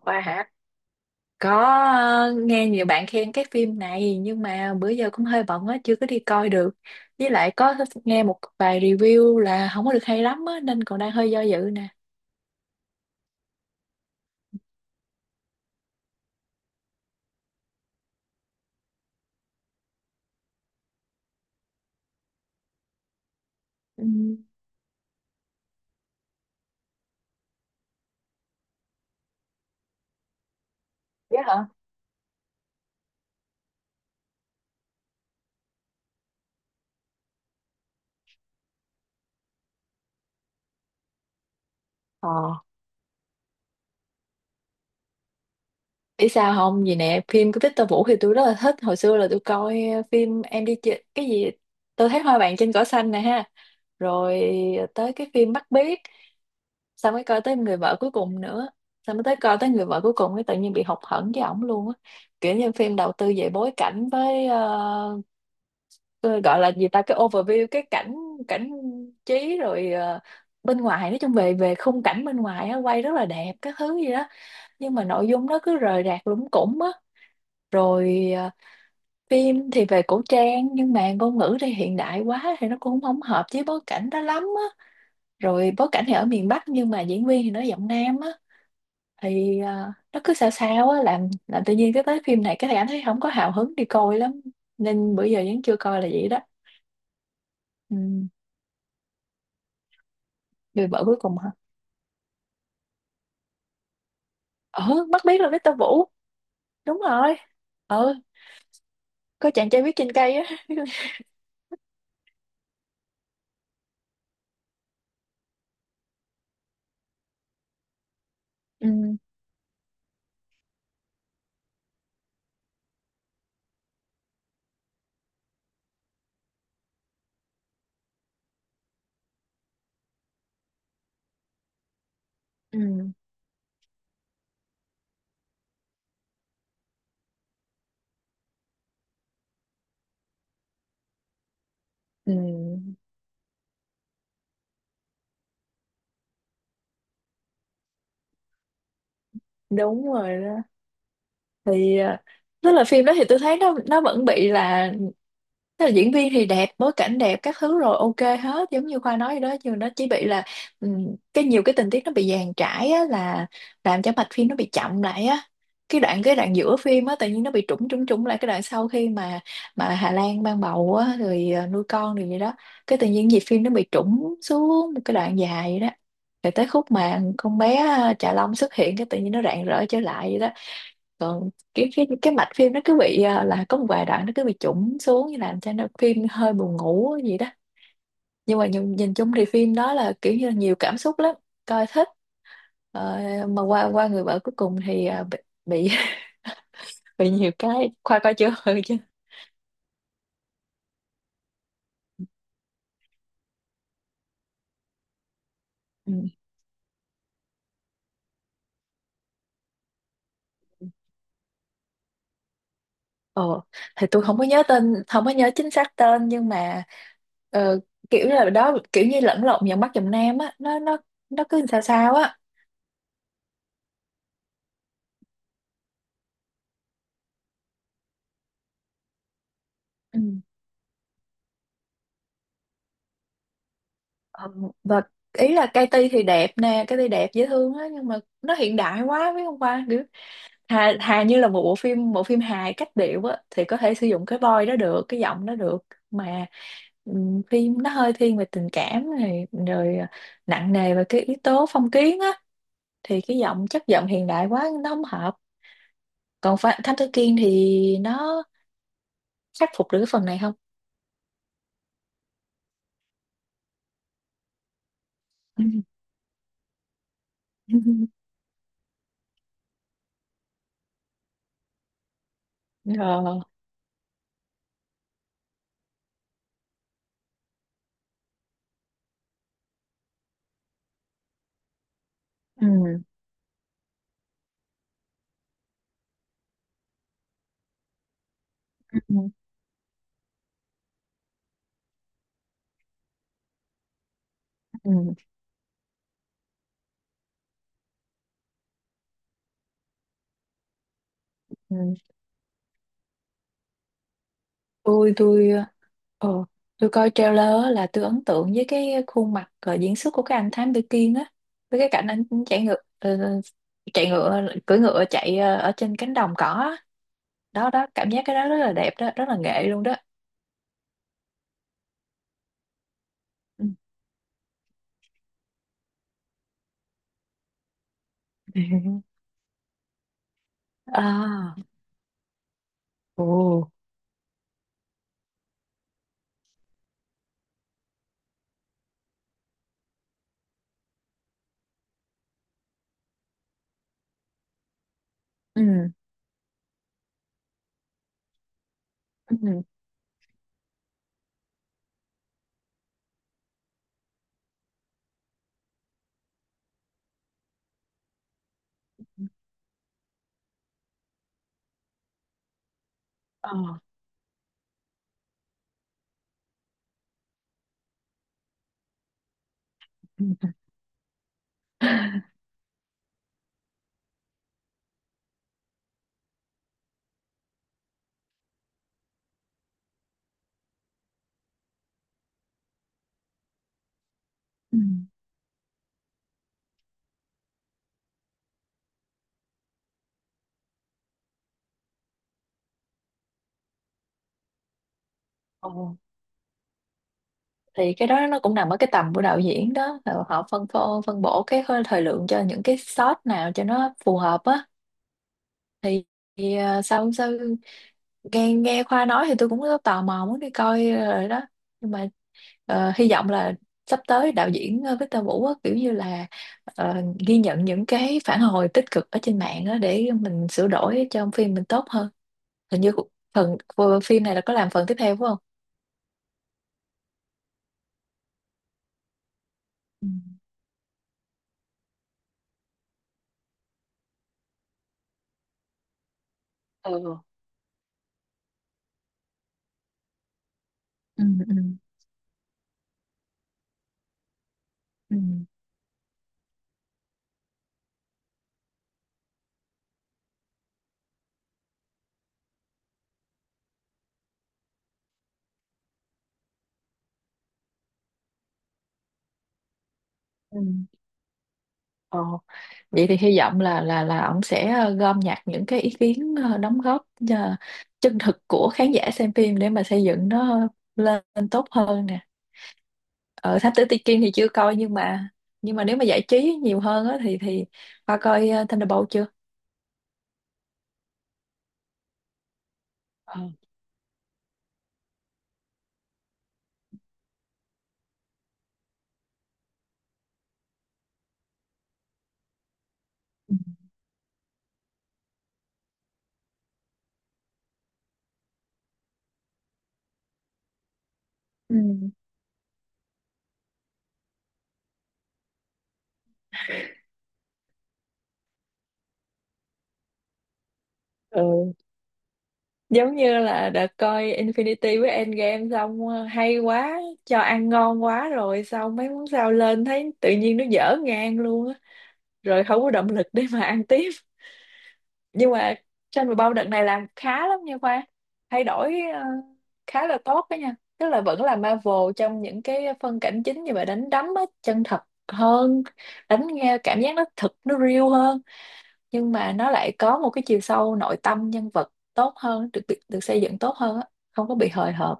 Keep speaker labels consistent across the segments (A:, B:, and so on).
A: Khoa hả? Có. Nghe nhiều bạn khen cái phim này, nhưng mà bữa giờ cũng hơi bận á, chưa có đi coi được. Với lại có nghe một vài review là không có được hay lắm á, nên còn đang hơi do dự nè. Ừ. Dạ hả? Ờ. Biết sao không? Vì nè, phim của Victor Vũ thì tôi rất là thích. Hồi xưa là tôi coi phim Em đi chơi, cái gì? Tôi thấy hoa vàng trên cỏ xanh nè ha. Rồi tới cái phim Bắt Biếc. Xong mới coi tới người vợ cuối cùng nữa, xong mới tới coi tới người vợ cuối cùng, cái tự nhiên bị hụt hẫng với ổng luôn á. Kiểu như phim đầu tư về bối cảnh với cái gọi là gì ta, cái overview, cái cảnh cảnh trí, rồi bên ngoài, nói chung về về khung cảnh bên ngoài á, quay rất là đẹp các thứ gì đó, nhưng mà nội dung nó cứ rời rạc lủng củng á. Rồi phim thì về cổ trang nhưng mà ngôn ngữ thì hiện đại quá, thì nó cũng không hợp với bối cảnh đó lắm á. Rồi bối cảnh thì ở miền Bắc nhưng mà diễn viên thì nói giọng Nam á, thì à, nó cứ sao sao á, làm tự nhiên cái tới phim này cái thằng anh thấy không có hào hứng đi coi lắm, nên bữa giờ vẫn chưa coi là vậy đó. Ừ. Người vợ cuối cùng hả? Ừ, mắt biết là Victor Vũ. Đúng rồi. Ừ. Có chàng trai viết trên cây á. Ừ. Ừ. Ừ. Đúng rồi đó. Thì tức là phim đó thì tôi thấy nó vẫn bị là, tức là diễn viên thì đẹp, bối cảnh đẹp, các thứ rồi ok hết, giống như Khoa nói vậy đó, nhưng nó chỉ bị là cái nhiều cái tình tiết nó bị dàn trải á, là làm cho mạch phim nó bị chậm lại á. Cái đoạn giữa phim á, tự nhiên nó bị trũng trũng trũng lại, cái đoạn sau khi mà Hà Lan mang bầu á, rồi nuôi con rồi vậy đó, cái tự nhiên nhịp phim nó bị trũng xuống một cái đoạn dài vậy đó. Rồi tới khúc mà con bé à, Trà Long xuất hiện, cái tự nhiên nó rạng rỡ trở lại vậy đó. Còn kiểu cái mạch phim nó cứ bị là có một vài đoạn nó cứ bị chủng xuống, như làm cho nó phim hơi buồn ngủ gì đó. Nhưng mà nhìn chung thì phim đó là kiểu như là nhiều cảm xúc lắm, coi thích. Ờ, mà qua qua người vợ cuối cùng thì bị, bị nhiều cái. Khoa coi chưa, ừ, chứ? Ừ. ờ thì tôi không có nhớ tên, không có nhớ chính xác tên, nhưng mà ờ, kiểu là đó, kiểu như lẫn lộn dòng Bắc dòng Nam á, nó cứ sao sao á. Ừ. Ờ, và ý là cây ti thì đẹp nè, cây ti đẹp dễ thương á, nhưng mà nó hiện đại quá, biết không? Qua kiểu hà như là một bộ phim hài cách điệu á, thì có thể sử dụng cái voice đó được, cái giọng đó được. Mà phim nó hơi thiên về tình cảm này rồi à, nặng nề về cái yếu tố phong kiến á, thì cái giọng, chất giọng hiện đại quá nó không hợp. Còn Thám Tử Kiên thì nó khắc phục được cái phần này không? Ờ. Ừ. Ừ. Ừ. Ừ. tôi tôi ờ tôi coi trailer á, là tôi ấn tượng với cái khuôn mặt diễn xuất của cái anh Thám Tử Kiên á, với cái cảnh anh chạy ngựa cưỡi ngựa chạy ở trên cánh đồng cỏ á. đó đó, cảm giác cái đó rất là đẹp đó, rất là nghệ luôn đó. Ừ. À. Ồ. Ừ. Ừ. Ờ. Ừ. Ừ. Ừ. Ồ. Thì cái đó nó cũng nằm ở cái tầm của đạo diễn đó, là họ phân bổ cái thời lượng cho những cái shot nào cho nó phù hợp á. Thì, thì, sao không sao. Nghe nghe Khoa nói thì tôi cũng có tò mò muốn đi coi rồi đó, nhưng mà hy vọng là sắp tới đạo diễn Victor Vũ á, kiểu như là ghi nhận những cái phản hồi tích cực ở trên mạng á, để mình sửa đổi cho phim mình tốt hơn. Hình như phần phim này là có làm phần tiếp theo, phải không? Ừ. Ừ. Ừ. Ừ. Ừ. Ừ. Ờ. Vậy thì hy vọng là ông sẽ gom nhặt những cái ý kiến, đóng góp ờ, chân thực của khán giả xem phim, để mà xây dựng nó lên tốt hơn nè. Ở Thám Tử Tây Kiên thì chưa coi, nhưng mà, nhưng mà nếu mà giải trí nhiều hơn á thì Hoa coi Thunderbolt chưa? Ờ. Ừ. Ừ. Giống như là đã coi Infinity với Endgame xong, hay quá, cho ăn ngon quá rồi, xong mấy món sao lên thấy tự nhiên nó dở ngang luôn á, rồi không có động lực để mà ăn tiếp. Nhưng mà trên mười bao đợt này làm khá lắm nha Khoa. Thay đổi khá là tốt đó nha, tức là vẫn là Marvel trong những cái phân cảnh chính như vậy, đánh đấm á chân thật hơn, đánh nghe cảm giác nó thực, nó real hơn, nhưng mà nó lại có một cái chiều sâu nội tâm nhân vật tốt hơn, được được, được xây dựng tốt hơn á, không có bị hời hợt.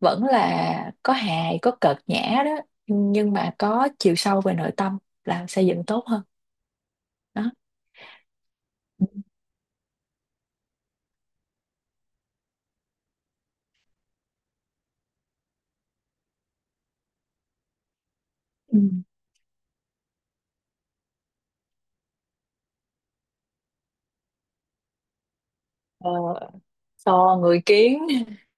A: Vẫn là có hài có cợt nhã đó, nhưng mà có chiều sâu về nội tâm, làm xây dựng tốt hơn đó. Ừ. Ờ. Ờ, người kiến.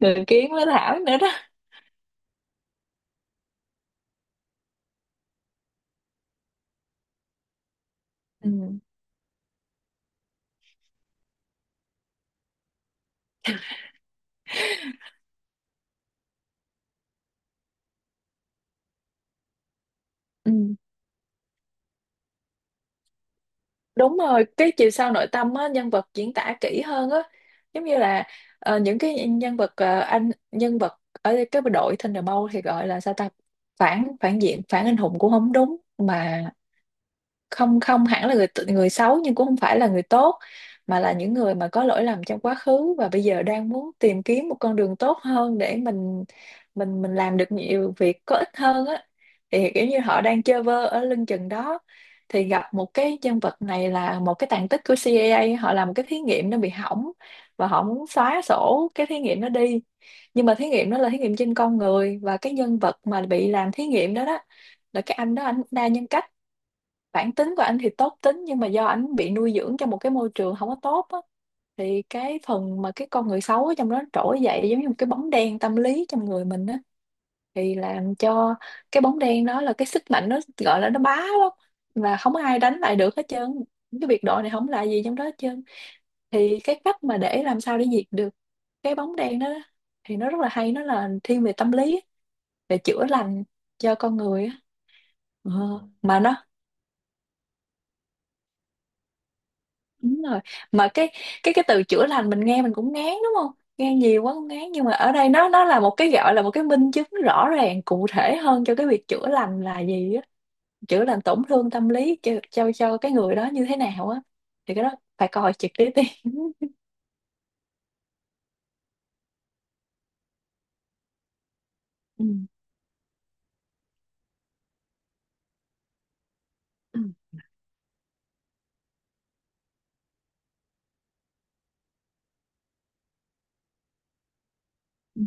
A: Người kiến với Thảo nữa đó. Ừ. Ừ. Đúng rồi, cái chiều sâu nội tâm á, nhân vật diễn tả kỹ hơn á. Giống như là những cái nhân vật, anh nhân vật ở cái đội Thunderbolt thì gọi là sao ta? Phản phản diện, phản anh hùng cũng không đúng, mà không không hẳn là người người xấu, nhưng cũng không phải là người tốt, mà là những người mà có lỗi lầm trong quá khứ và bây giờ đang muốn tìm kiếm một con đường tốt hơn, để mình mình làm được nhiều việc có ích hơn á. Thì kiểu như họ đang chơi vơ ở lưng chừng đó, thì gặp một cái nhân vật này, là một cái tàn tích của CIA, họ làm một cái thí nghiệm nó bị hỏng và họ muốn xóa sổ cái thí nghiệm nó đi. Nhưng mà thí nghiệm đó là thí nghiệm trên con người, và cái nhân vật mà bị làm thí nghiệm đó đó là cái anh đó, anh đa nhân cách. Bản tính của anh thì tốt tính, nhưng mà do anh bị nuôi dưỡng trong một cái môi trường không có tốt á, thì cái phần mà cái con người xấu ở trong đó trỗi dậy, giống như một cái bóng đen tâm lý trong người mình á, thì làm cho cái bóng đen đó, là cái sức mạnh nó gọi là nó bá lắm, và không có ai đánh lại được hết trơn, cái biệt đội này không là gì trong đó hết trơn. Thì cái cách mà để làm sao để diệt được cái bóng đen đó, thì nó rất là hay, nó là thiên về tâm lý, về chữa lành cho con người á. Ờ, mà nó. Đúng rồi. Mà cái từ chữa lành mình nghe mình cũng ngán đúng không? Nghe nhiều quá cũng ngán, nhưng mà ở đây nó là một cái gọi là một cái minh chứng rõ ràng cụ thể hơn cho cái việc chữa lành là gì á, chữa lành tổn thương tâm lý cho cái người đó như thế nào á. Thì cái đó phải coi trực tiếp đi. Ừ. Ừ. Ừ,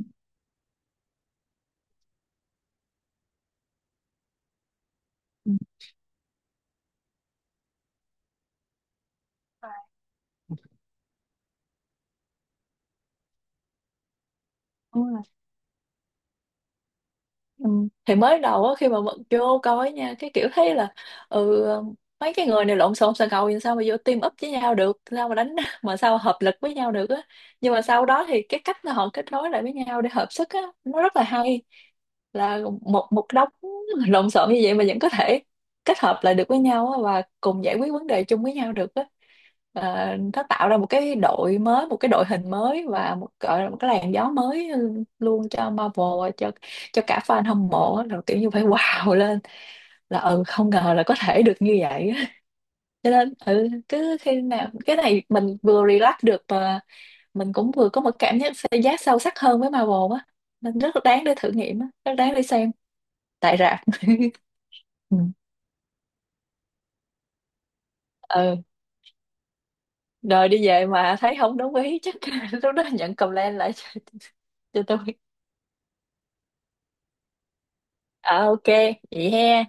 A: ừ. Ừ. Thì mới đầu á, khi mà mình vô coi nha, cái kiểu thấy là ừ, mấy cái người này lộn xộn xà ngầu, thì sao mà vô team up với nhau được, sao mà đánh mà sao hợp lực với nhau được á. Nhưng mà sau đó thì cái cách mà họ kết nối lại với nhau để hợp sức á, nó rất là hay, là một một đống lộn xộn như vậy mà vẫn có thể kết hợp lại được với nhau á, và cùng giải quyết vấn đề chung với nhau được á. Ờ, nó tạo ra một cái đội mới, một cái đội hình mới, và một gọi là một cái làn gió mới luôn cho Marvel, cho cả fan hâm mộ, là kiểu như phải wow lên là ừ, không ngờ là có thể được như vậy. Cho nên ừ, cứ khi nào cái này mình vừa relax được, mà mình cũng vừa có một cảm giác xây giá sâu sắc hơn với Marvel á, nên rất là đáng để thử nghiệm á, rất đáng để xem tại rạp. Ừ. Ừ. Rồi đi về mà thấy không đúng ý chắc lúc đó nhận comment lại cho tôi. À, ok, vậy he.